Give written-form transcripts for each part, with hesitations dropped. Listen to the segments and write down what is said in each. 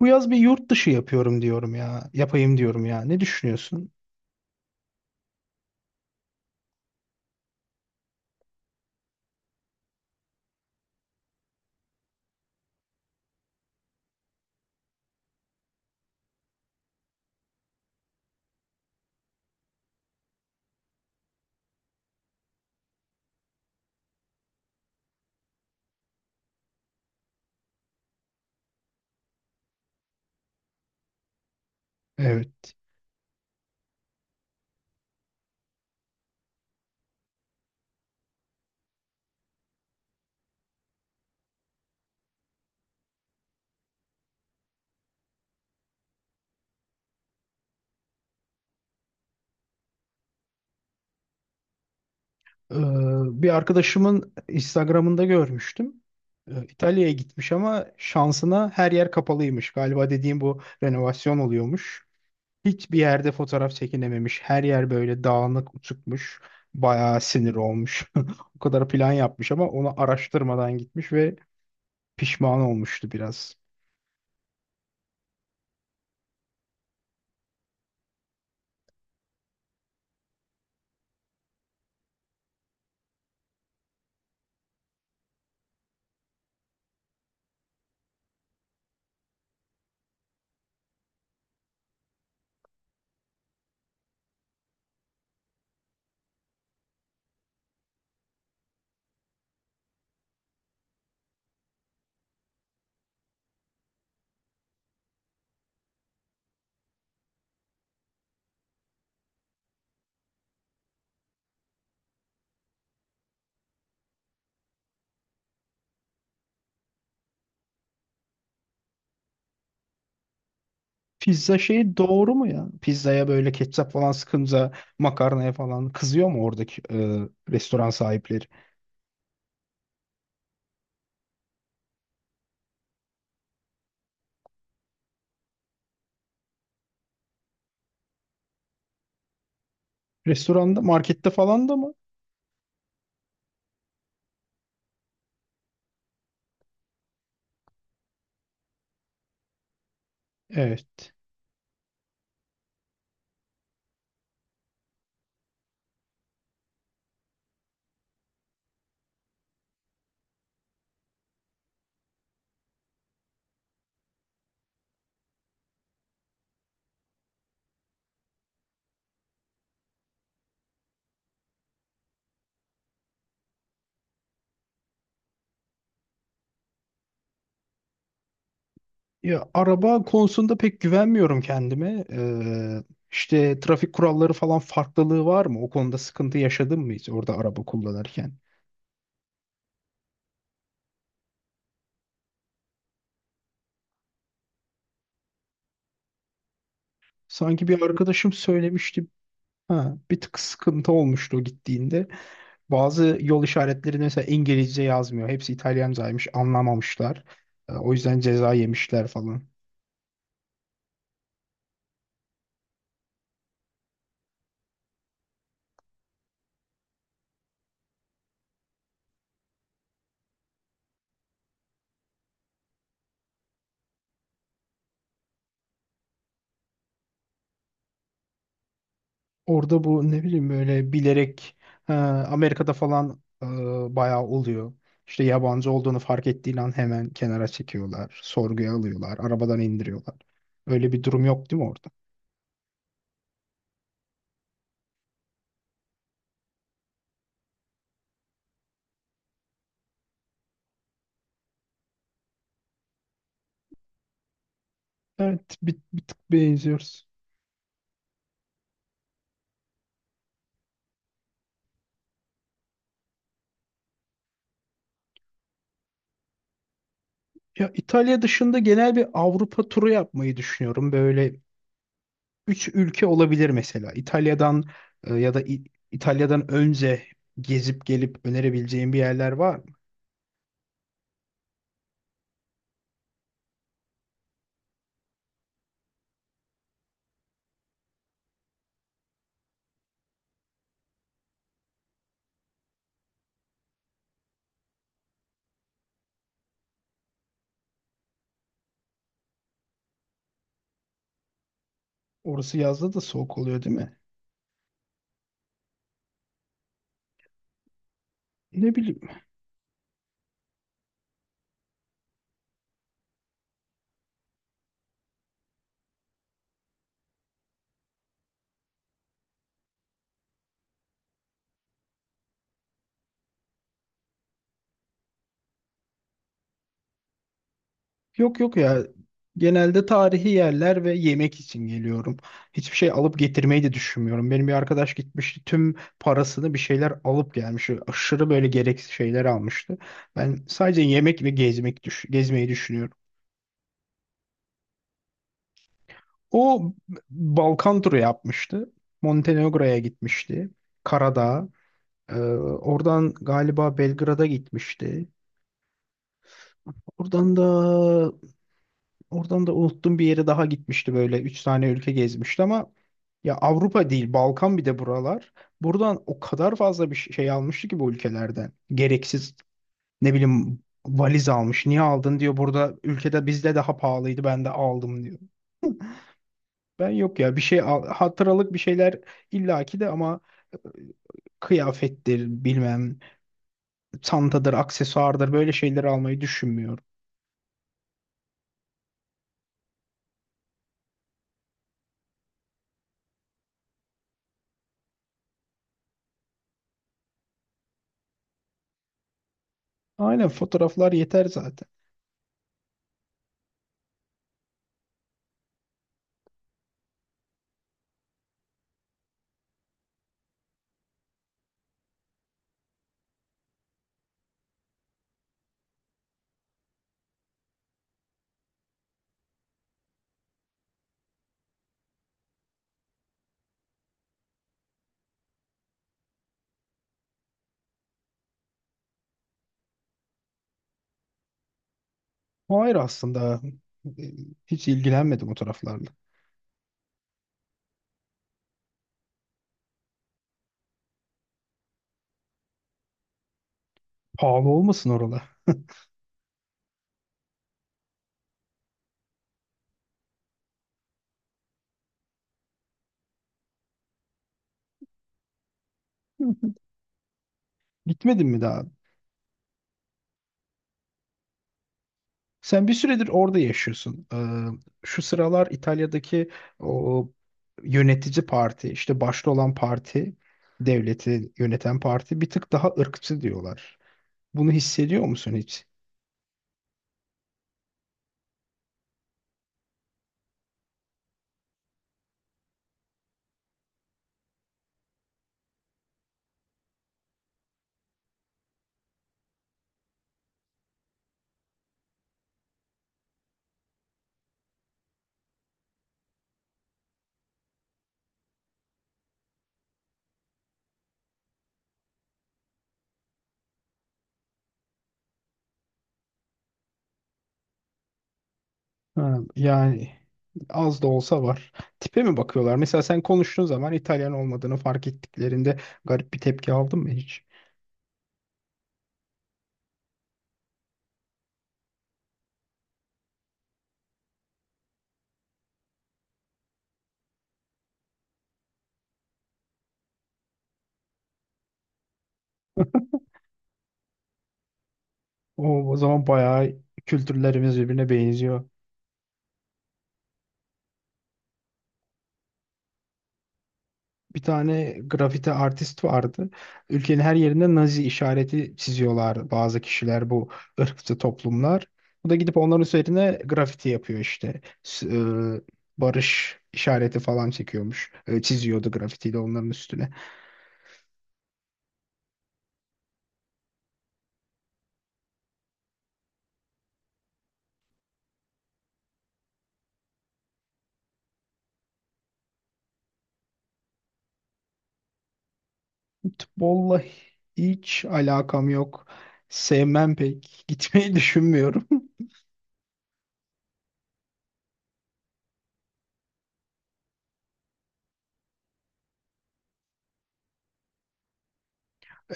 Bu yaz bir yurt dışı yapıyorum diyorum ya. Yapayım diyorum ya. Ne düşünüyorsun? Evet. Ee, Bir arkadaşımın Instagram'ında görmüştüm. İtalya'ya gitmiş ama şansına her yer kapalıymış. Galiba dediğim bu renovasyon oluyormuş. Hiçbir yerde fotoğraf çekinememiş. Her yer böyle dağınık, uçukmuş. Bayağı sinir olmuş. O kadar plan yapmış ama onu araştırmadan gitmiş ve pişman olmuştu biraz. Pizza şeyi doğru mu ya? Pizzaya böyle ketçap falan sıkınca makarnaya falan kızıyor mu oradaki restoran sahipleri? Restoranda, markette falan da mı? Evet. Ya araba konusunda pek güvenmiyorum kendime. İşte trafik kuralları falan farklılığı var mı? O konuda sıkıntı yaşadın mı hiç orada araba kullanırken? Sanki bir arkadaşım söylemişti. Ha, bir tık sıkıntı olmuştu o gittiğinde. Bazı yol işaretleri mesela İngilizce yazmıyor. Hepsi İtalyancaymış, anlamamışlar. O yüzden ceza yemişler falan. Orada bu ne bileyim böyle bilerek Amerika'da falan bayağı oluyor. İşte yabancı olduğunu fark ettiğin an hemen kenara çekiyorlar, sorguya alıyorlar, arabadan indiriyorlar. Öyle bir durum yok değil mi orada? Evet, bir, bir tık benziyoruz. Ya İtalya dışında genel bir Avrupa turu yapmayı düşünüyorum. Böyle üç ülke olabilir mesela. İtalya'dan e, ya da İ- İtalya'dan önce gezip gelip önerebileceğim bir yerler var mı? Orası yazda da soğuk oluyor değil mi? Ne bileyim. Yok yok ya. Genelde tarihi yerler ve yemek için geliyorum. Hiçbir şey alıp getirmeyi de düşünmüyorum. Benim bir arkadaş gitmişti. Tüm parasını bir şeyler alıp gelmiş. Aşırı böyle gereksiz şeyler almıştı. Ben sadece yemek ve gezmek düş gezmeyi düşünüyorum. O Balkan turu yapmıştı. Montenegro'ya gitmişti. Karadağ. Ee, Oradan galiba Belgrad'a gitmişti. Oradan da oradan da unuttum bir yere daha gitmişti böyle. Üç tane ülke gezmişti ama ya Avrupa değil Balkan bir de buralar. Buradan o kadar fazla bir şey almıştı ki bu ülkelerden. Gereksiz ne bileyim valiz almış. Niye aldın diyor. Burada ülkede bizde daha pahalıydı ben de aldım diyor. Ben yok ya hatıralık bir şeyler illaki de ama kıyafettir, bilmem çantadır, aksesuardır böyle şeyleri almayı düşünmüyorum. Aynen fotoğraflar yeter zaten. Hayır aslında e, hiç ilgilenmedim o taraflarla. Pahalı olmasın oralar. Gitmedin mi daha? Sen bir süredir orada yaşıyorsun. Şu sıralar İtalya'daki o yönetici parti, işte başta olan parti, devleti yöneten parti bir tık daha ırkçı diyorlar. Bunu hissediyor musun hiç? Ha, yani az da olsa var. Tipe mi bakıyorlar? Mesela sen konuştuğun zaman İtalyan olmadığını fark ettiklerinde garip bir tepki aldın mı hiç? O, o zaman bayağı kültürlerimiz birbirine benziyor. Bir tane grafiti artist vardı. Ülkenin her yerinde Nazi işareti çiziyorlar bazı kişiler bu ırkçı toplumlar. Bu da gidip onların üzerine grafiti yapıyor işte. Barış işareti falan çekiyormuş. Çiziyordu grafitiyle onların üstüne. Futbolla hiç alakam yok. Sevmem pek. Gitmeyi düşünmüyorum.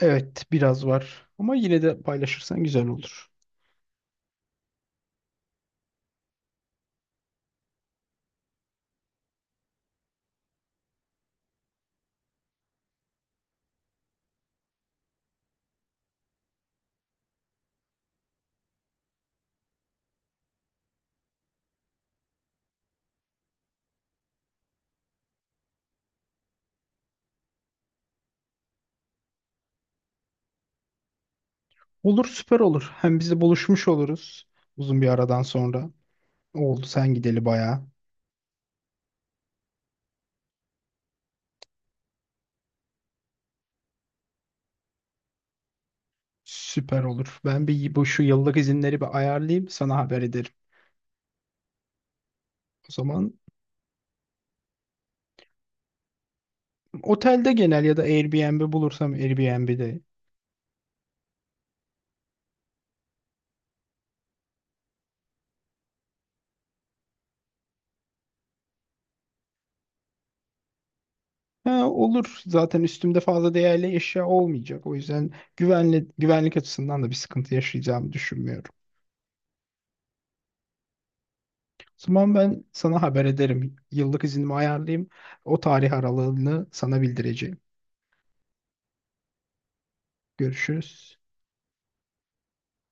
Evet, biraz var. Ama yine de paylaşırsan güzel olur. Olur, süper olur. Hem biz de buluşmuş oluruz uzun bir aradan sonra. Oldu sen gideli bayağı. Süper olur. Ben bu şu yıllık izinleri bir ayarlayayım, sana haber ederim. O zaman otelde genel ya da Airbnb bulursam Airbnb'de. Ha, olur. Zaten üstümde fazla değerli eşya olmayacak. O yüzden güvenli, güvenlik açısından da bir sıkıntı yaşayacağımı düşünmüyorum. O zaman ben sana haber ederim. Yıllık iznimi ayarlayayım. O tarih aralığını sana bildireceğim. Görüşürüz.